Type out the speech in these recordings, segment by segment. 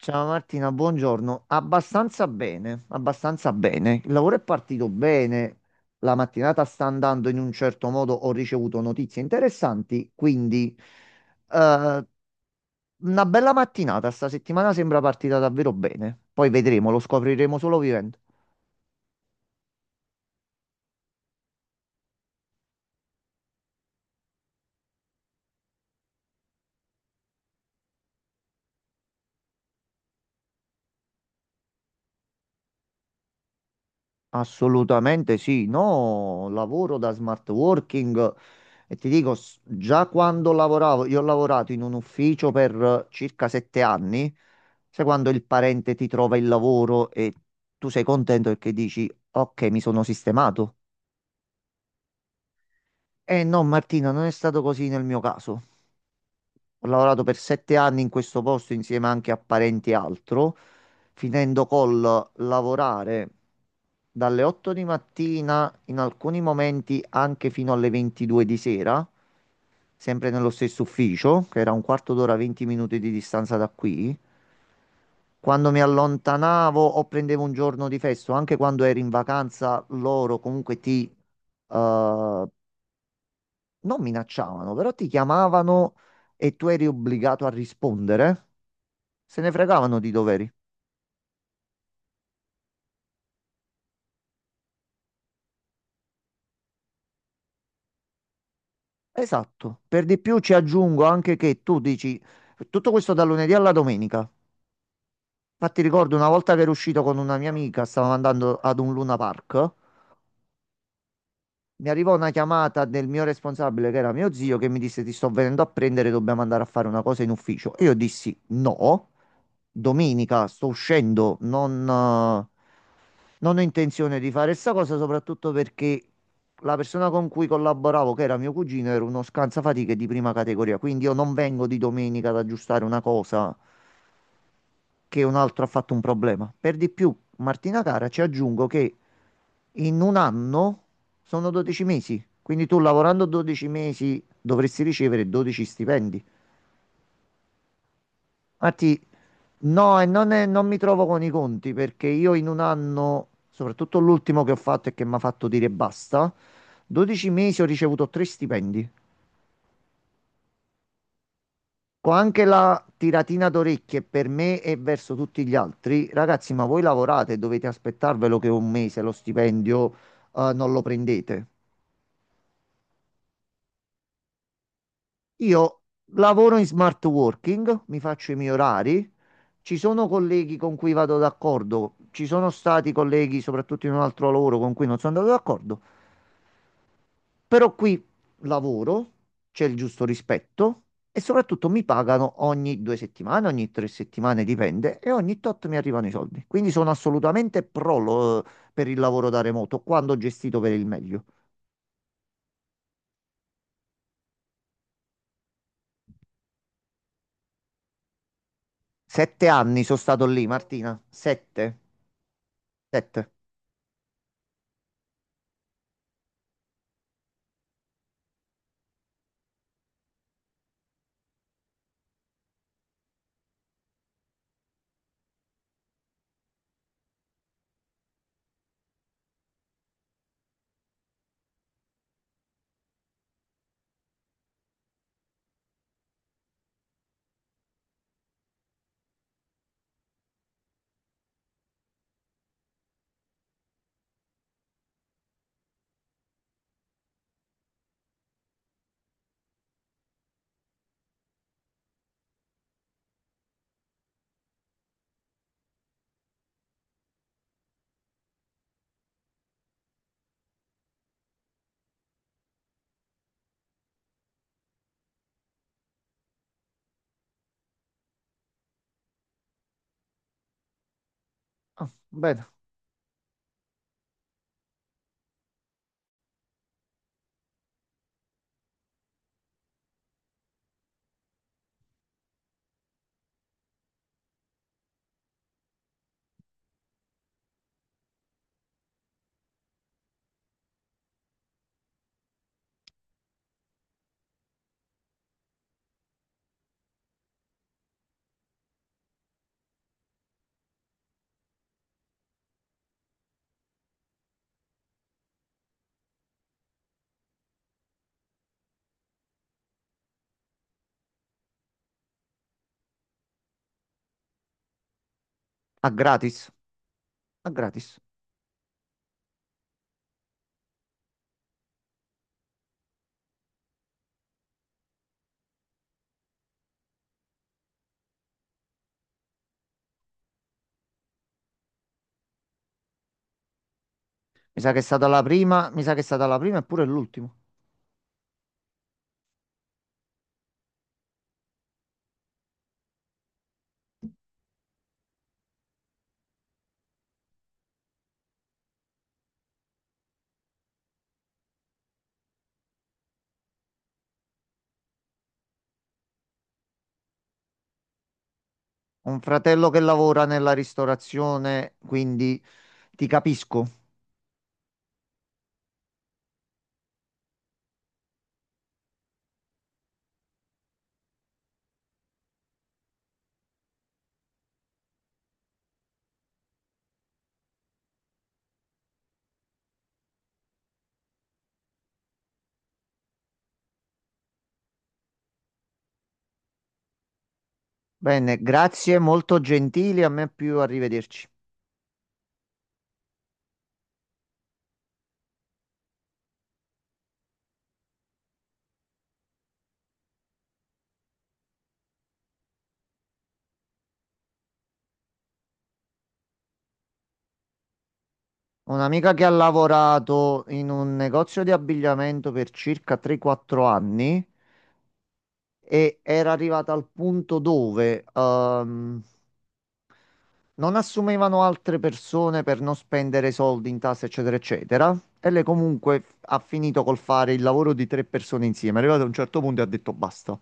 Ciao Martina, buongiorno. Abbastanza bene, abbastanza bene. Il lavoro è partito bene, la mattinata sta andando in un certo modo, ho ricevuto notizie interessanti, quindi eh, una bella mattinata. Sta settimana sembra partita davvero bene. Poi vedremo, lo scopriremo solo vivendo. Assolutamente sì, no, lavoro da smart working. E ti dico, già quando lavoravo, io ho lavorato in un ufficio per circa 7 anni, sai quando il parente ti trova il lavoro e tu sei contento perché dici, ok, mi sono sistemato. Eh no, Martina, non è stato così nel mio caso. Ho lavorato per 7 anni in questo posto insieme anche a parenti e altro, finendo col lavorare dalle 8 di mattina, in alcuni momenti anche fino alle 22 di sera, sempre nello stesso ufficio, che era un quarto d'ora, 20 minuti di distanza da qui. Quando mi allontanavo o prendevo un giorno di festo, anche quando ero in vacanza, loro comunque ti eh, non minacciavano, però ti chiamavano e tu eri obbligato a rispondere, se ne fregavano di doveri. Esatto. Per di più ci aggiungo anche che tu dici tutto questo da lunedì alla domenica. Infatti ricordo una volta che ero uscito con una mia amica, stavamo andando ad un Luna Park, mi arrivò una chiamata del mio responsabile, che era mio zio, che mi disse ti sto venendo a prendere, dobbiamo andare a fare una cosa in ufficio. E io dissi no, domenica sto uscendo, non ho intenzione di fare sta cosa, soprattutto perché la persona con cui collaboravo, che era mio cugino, era uno scansafatiche di prima categoria. Quindi io non vengo di domenica ad aggiustare una cosa che un altro ha fatto un problema. Per di più, Martina cara, ci aggiungo che in un anno sono 12 mesi. Quindi tu lavorando 12 mesi dovresti ricevere 12 stipendi. Matti, no, non mi trovo con i conti perché io in un anno, soprattutto l'ultimo che ho fatto e che mi ha fatto dire basta, 12 mesi ho ricevuto 3 stipendi. Con anche la tiratina d'orecchie per me e verso tutti gli altri, ragazzi, ma voi lavorate e dovete aspettarvelo che un mese lo stipendio, non lo prendete. Io lavoro in smart working, mi faccio i miei orari, ci sono colleghi con cui vado d'accordo, ci sono stati colleghi, soprattutto in un altro lavoro, con cui non sono andato d'accordo, però qui lavoro, c'è il giusto rispetto e soprattutto mi pagano ogni 2 settimane, ogni 3 settimane, dipende, e ogni tot mi arrivano i soldi. Quindi sono assolutamente pro per il lavoro da remoto, quando gestito per il meglio. 7 anni sono stato lì, Martina, sette, sette. Ah, bene. A gratis, a gratis. Mi sa che è stata la prima, mi sa che è stata la prima e pure l'ultima. Ho un fratello che lavora nella ristorazione, quindi ti capisco. Bene, grazie, molto gentili, a me più arrivederci. Ho un'amica che ha lavorato in un negozio di abbigliamento per circa 3-4 anni e era arrivata al punto dove non assumevano altre persone per non spendere soldi in tasse, eccetera, eccetera. E lei comunque ha finito col fare il lavoro di tre persone insieme. È arrivato a un certo punto e ha detto basta.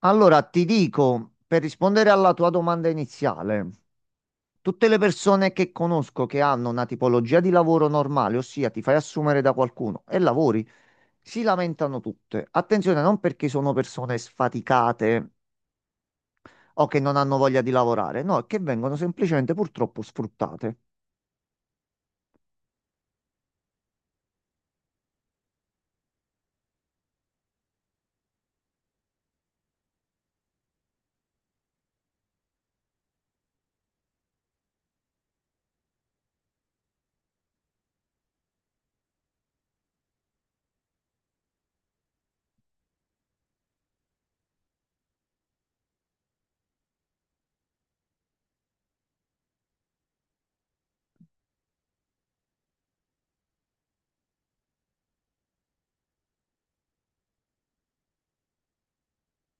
Allora, ti dico, per rispondere alla tua domanda iniziale, tutte le persone che conosco che hanno una tipologia di lavoro normale, ossia ti fai assumere da qualcuno e lavori, si lamentano tutte. Attenzione, non perché sono persone sfaticate o che non hanno voglia di lavorare, no, è che vengono semplicemente purtroppo sfruttate.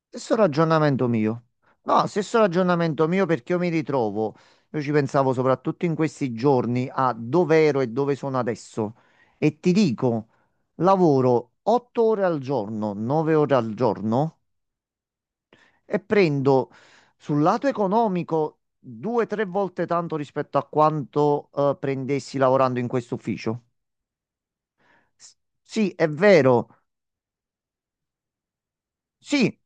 Stesso ragionamento mio. No, stesso ragionamento mio perché io mi ritrovo, io ci pensavo soprattutto in questi giorni a dove ero e dove sono adesso e ti dico, lavoro 8 ore al giorno, 9 ore al giorno e prendo sul lato economico due tre volte tanto rispetto a quanto prendessi lavorando in questo ufficio. S- Sì, è vero. Sì,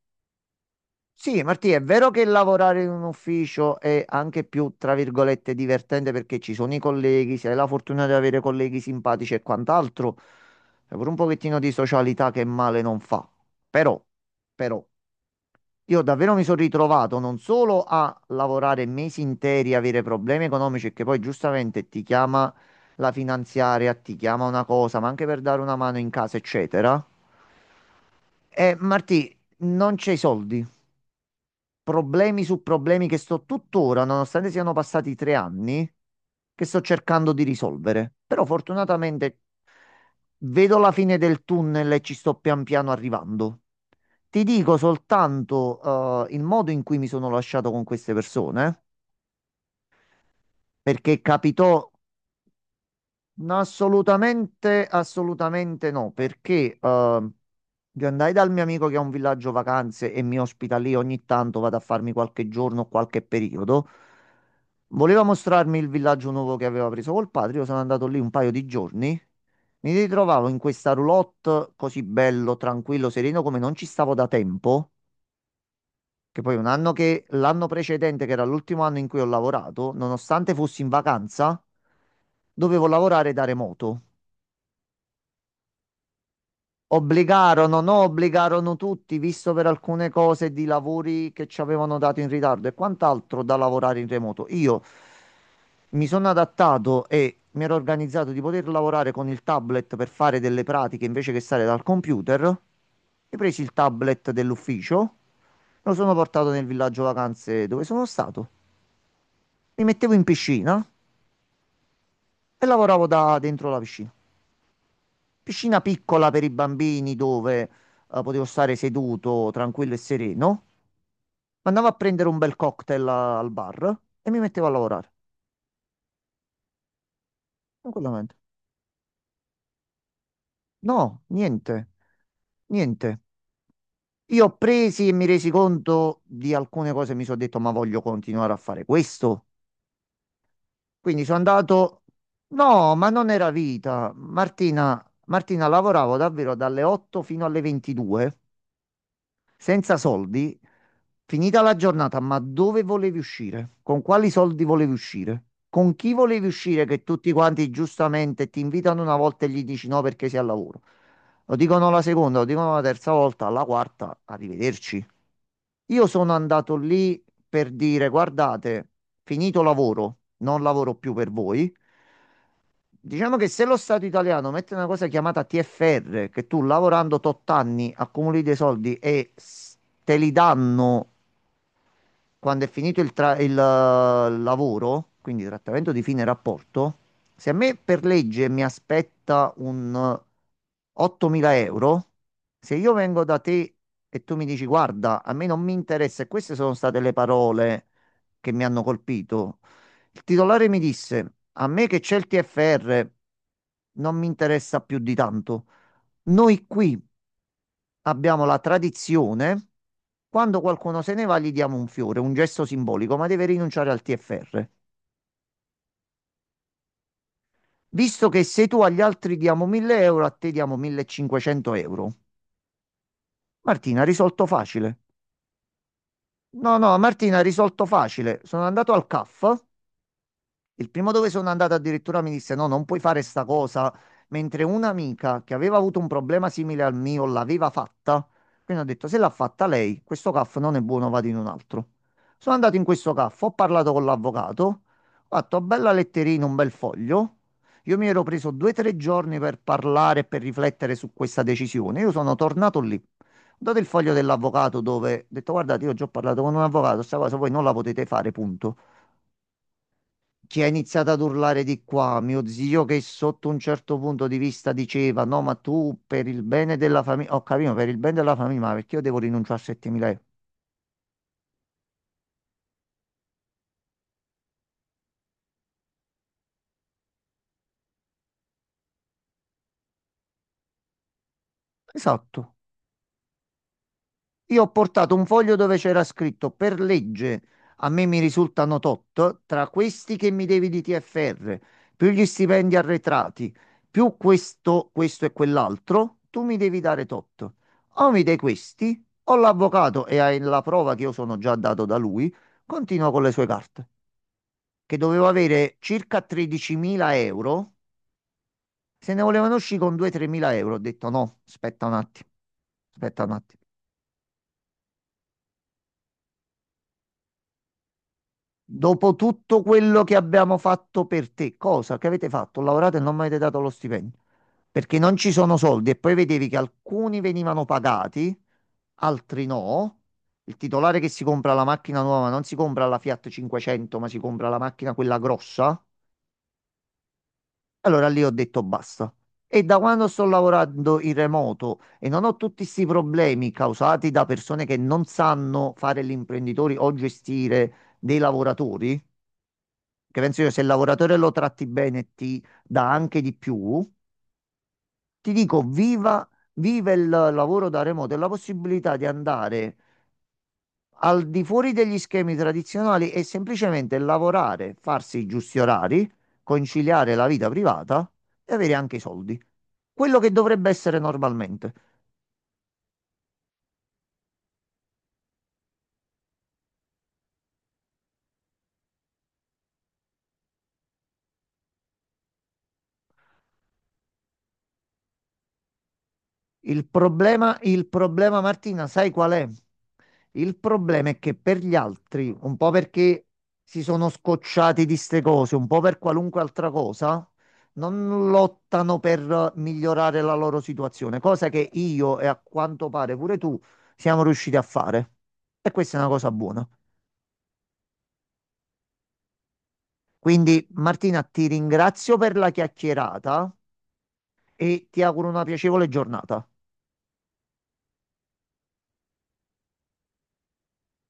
Sì, Martì, è vero che lavorare in un ufficio è anche più, tra virgolette, divertente perché ci sono i colleghi, se hai la fortuna di avere colleghi simpatici e quant'altro, è pure un pochettino di socialità che male non fa. Però, però, io davvero mi sono ritrovato non solo a lavorare mesi interi, avere problemi economici, che poi giustamente ti chiama la finanziaria, ti chiama una cosa, ma anche per dare una mano in casa, eccetera. E Martì, non c'è i soldi, problemi su problemi che sto tuttora, nonostante siano passati 3 anni, che sto cercando di risolvere. Però fortunatamente vedo la fine del tunnel e ci sto pian piano arrivando. Ti dico soltanto, il modo in cui mi sono lasciato con queste persone, perché capitò. No, assolutamente, assolutamente no, perché io andai dal mio amico che ha un villaggio vacanze e mi ospita lì ogni tanto, vado a farmi qualche giorno, o qualche periodo. Voleva mostrarmi il villaggio nuovo che aveva preso col padre, io sono andato lì un paio di giorni, mi ritrovavo in questa roulotte così bello, tranquillo, sereno come non ci stavo da tempo, che poi un anno che l'anno precedente, che era l'ultimo anno in cui ho lavorato, nonostante fossi in vacanza, dovevo lavorare da remoto. Obbligarono, no, obbligarono tutti, visto per alcune cose di lavori che ci avevano dato in ritardo e quant'altro da lavorare in remoto. Io mi sono adattato e mi ero organizzato di poter lavorare con il tablet per fare delle pratiche invece che stare dal computer. Ho preso il tablet dell'ufficio, lo sono portato nel villaggio vacanze dove sono stato. Mi mettevo in piscina e lavoravo da dentro la piscina. Piscina piccola per i bambini dove potevo stare seduto, tranquillo e sereno. Andavo a prendere un bel cocktail al bar e mi mettevo a lavorare, tranquillamente. No, niente, niente. Io ho presi e mi resi conto di alcune cose, mi sono detto, ma voglio continuare a fare questo. Quindi sono andato... No, ma non era vita. Martina, Martina, lavoravo davvero dalle 8 fino alle 22. Senza soldi, finita la giornata, ma dove volevi uscire? Con quali soldi volevi uscire? Con chi volevi uscire che tutti quanti giustamente ti invitano una volta e gli dici no perché sei al lavoro? Lo dicono la seconda, lo dicono la terza volta, alla quarta, arrivederci. Io sono andato lì per dire, guardate, finito lavoro, non lavoro più per voi. Diciamo che se lo Stato italiano mette una cosa chiamata TFR, che tu lavorando tot anni accumuli dei soldi e te li danno quando è finito il lavoro, quindi trattamento di fine rapporto, se a me per legge mi aspetta un 8.000 euro, se io vengo da te e tu mi dici guarda, a me non mi interessa, e queste sono state le parole che mi hanno colpito, il titolare mi disse a me che c'è il TFR non mi interessa più di tanto. Noi qui abbiamo la tradizione, quando qualcuno se ne va gli diamo un fiore, un gesto simbolico, ma deve rinunciare al TFR. Visto che se tu agli altri diamo 1000 euro, a te diamo 1500 euro. Martina, risolto facile. No, no, Martina, risolto facile. Sono andato al CAF. Il primo dove sono andato addirittura mi disse: No, non puoi fare sta cosa. Mentre un'amica che aveva avuto un problema simile al mio l'aveva fatta. Quindi ho detto: Se l'ha fatta lei, questo CAF non è buono, vado in un altro. Sono andato in questo CAF, ho parlato con l'avvocato, ho fatto bella letterina, un bel foglio. Io mi ero preso due o tre giorni per parlare e per riflettere su questa decisione. Io sono tornato lì. Ho dato il foglio dell'avvocato dove ho detto: Guardate, io già ho parlato con un avvocato, questa cosa voi non la potete fare, punto. Chi ha iniziato ad urlare di qua, mio zio che sotto un certo punto di vista diceva no, ma tu per il bene della famiglia, ho capito, "No, per il bene della famiglia, ma perché io devo rinunciare a 7.000 euro?" Esatto, io ho portato un foglio dove c'era scritto per legge a me mi risultano tot, tra questi che mi devi di TFR, più gli stipendi arretrati, più questo, questo e quell'altro, tu mi devi dare tot. O mi dai questi, o l'avvocato e hai la prova che io sono già dato da lui, continua con le sue carte, che dovevo avere circa 13.000 euro, se ne volevano uscire con 2-3.000 euro, ho detto no, aspetta un attimo, aspetta un attimo. Dopo tutto quello che abbiamo fatto per te, cosa che avete fatto? Lavorate e non mi avete dato lo stipendio. Perché non ci sono soldi e poi vedevi che alcuni venivano pagati, altri no. Il titolare che si compra la macchina nuova non si compra la Fiat 500, ma si compra la macchina quella grossa. Allora lì ho detto basta. E da quando sto lavorando in remoto e non ho tutti questi problemi causati da persone che non sanno fare gli imprenditori o gestire dei lavoratori, che penso io se il lavoratore lo tratti bene e ti dà anche di più, ti dico viva, viva il lavoro da remoto e la possibilità di andare al di fuori degli schemi tradizionali e semplicemente lavorare, farsi i giusti orari, conciliare la vita privata e avere anche i soldi. Quello che dovrebbe essere normalmente. Il problema, Martina, sai qual è? Il problema è che per gli altri, un po' perché si sono scocciati di ste cose, un po' per qualunque altra cosa, non lottano per migliorare la loro situazione, cosa che io e a quanto pare pure tu siamo riusciti a fare. E questa è una cosa buona. Quindi, Martina, ti ringrazio per la chiacchierata e ti auguro una piacevole giornata.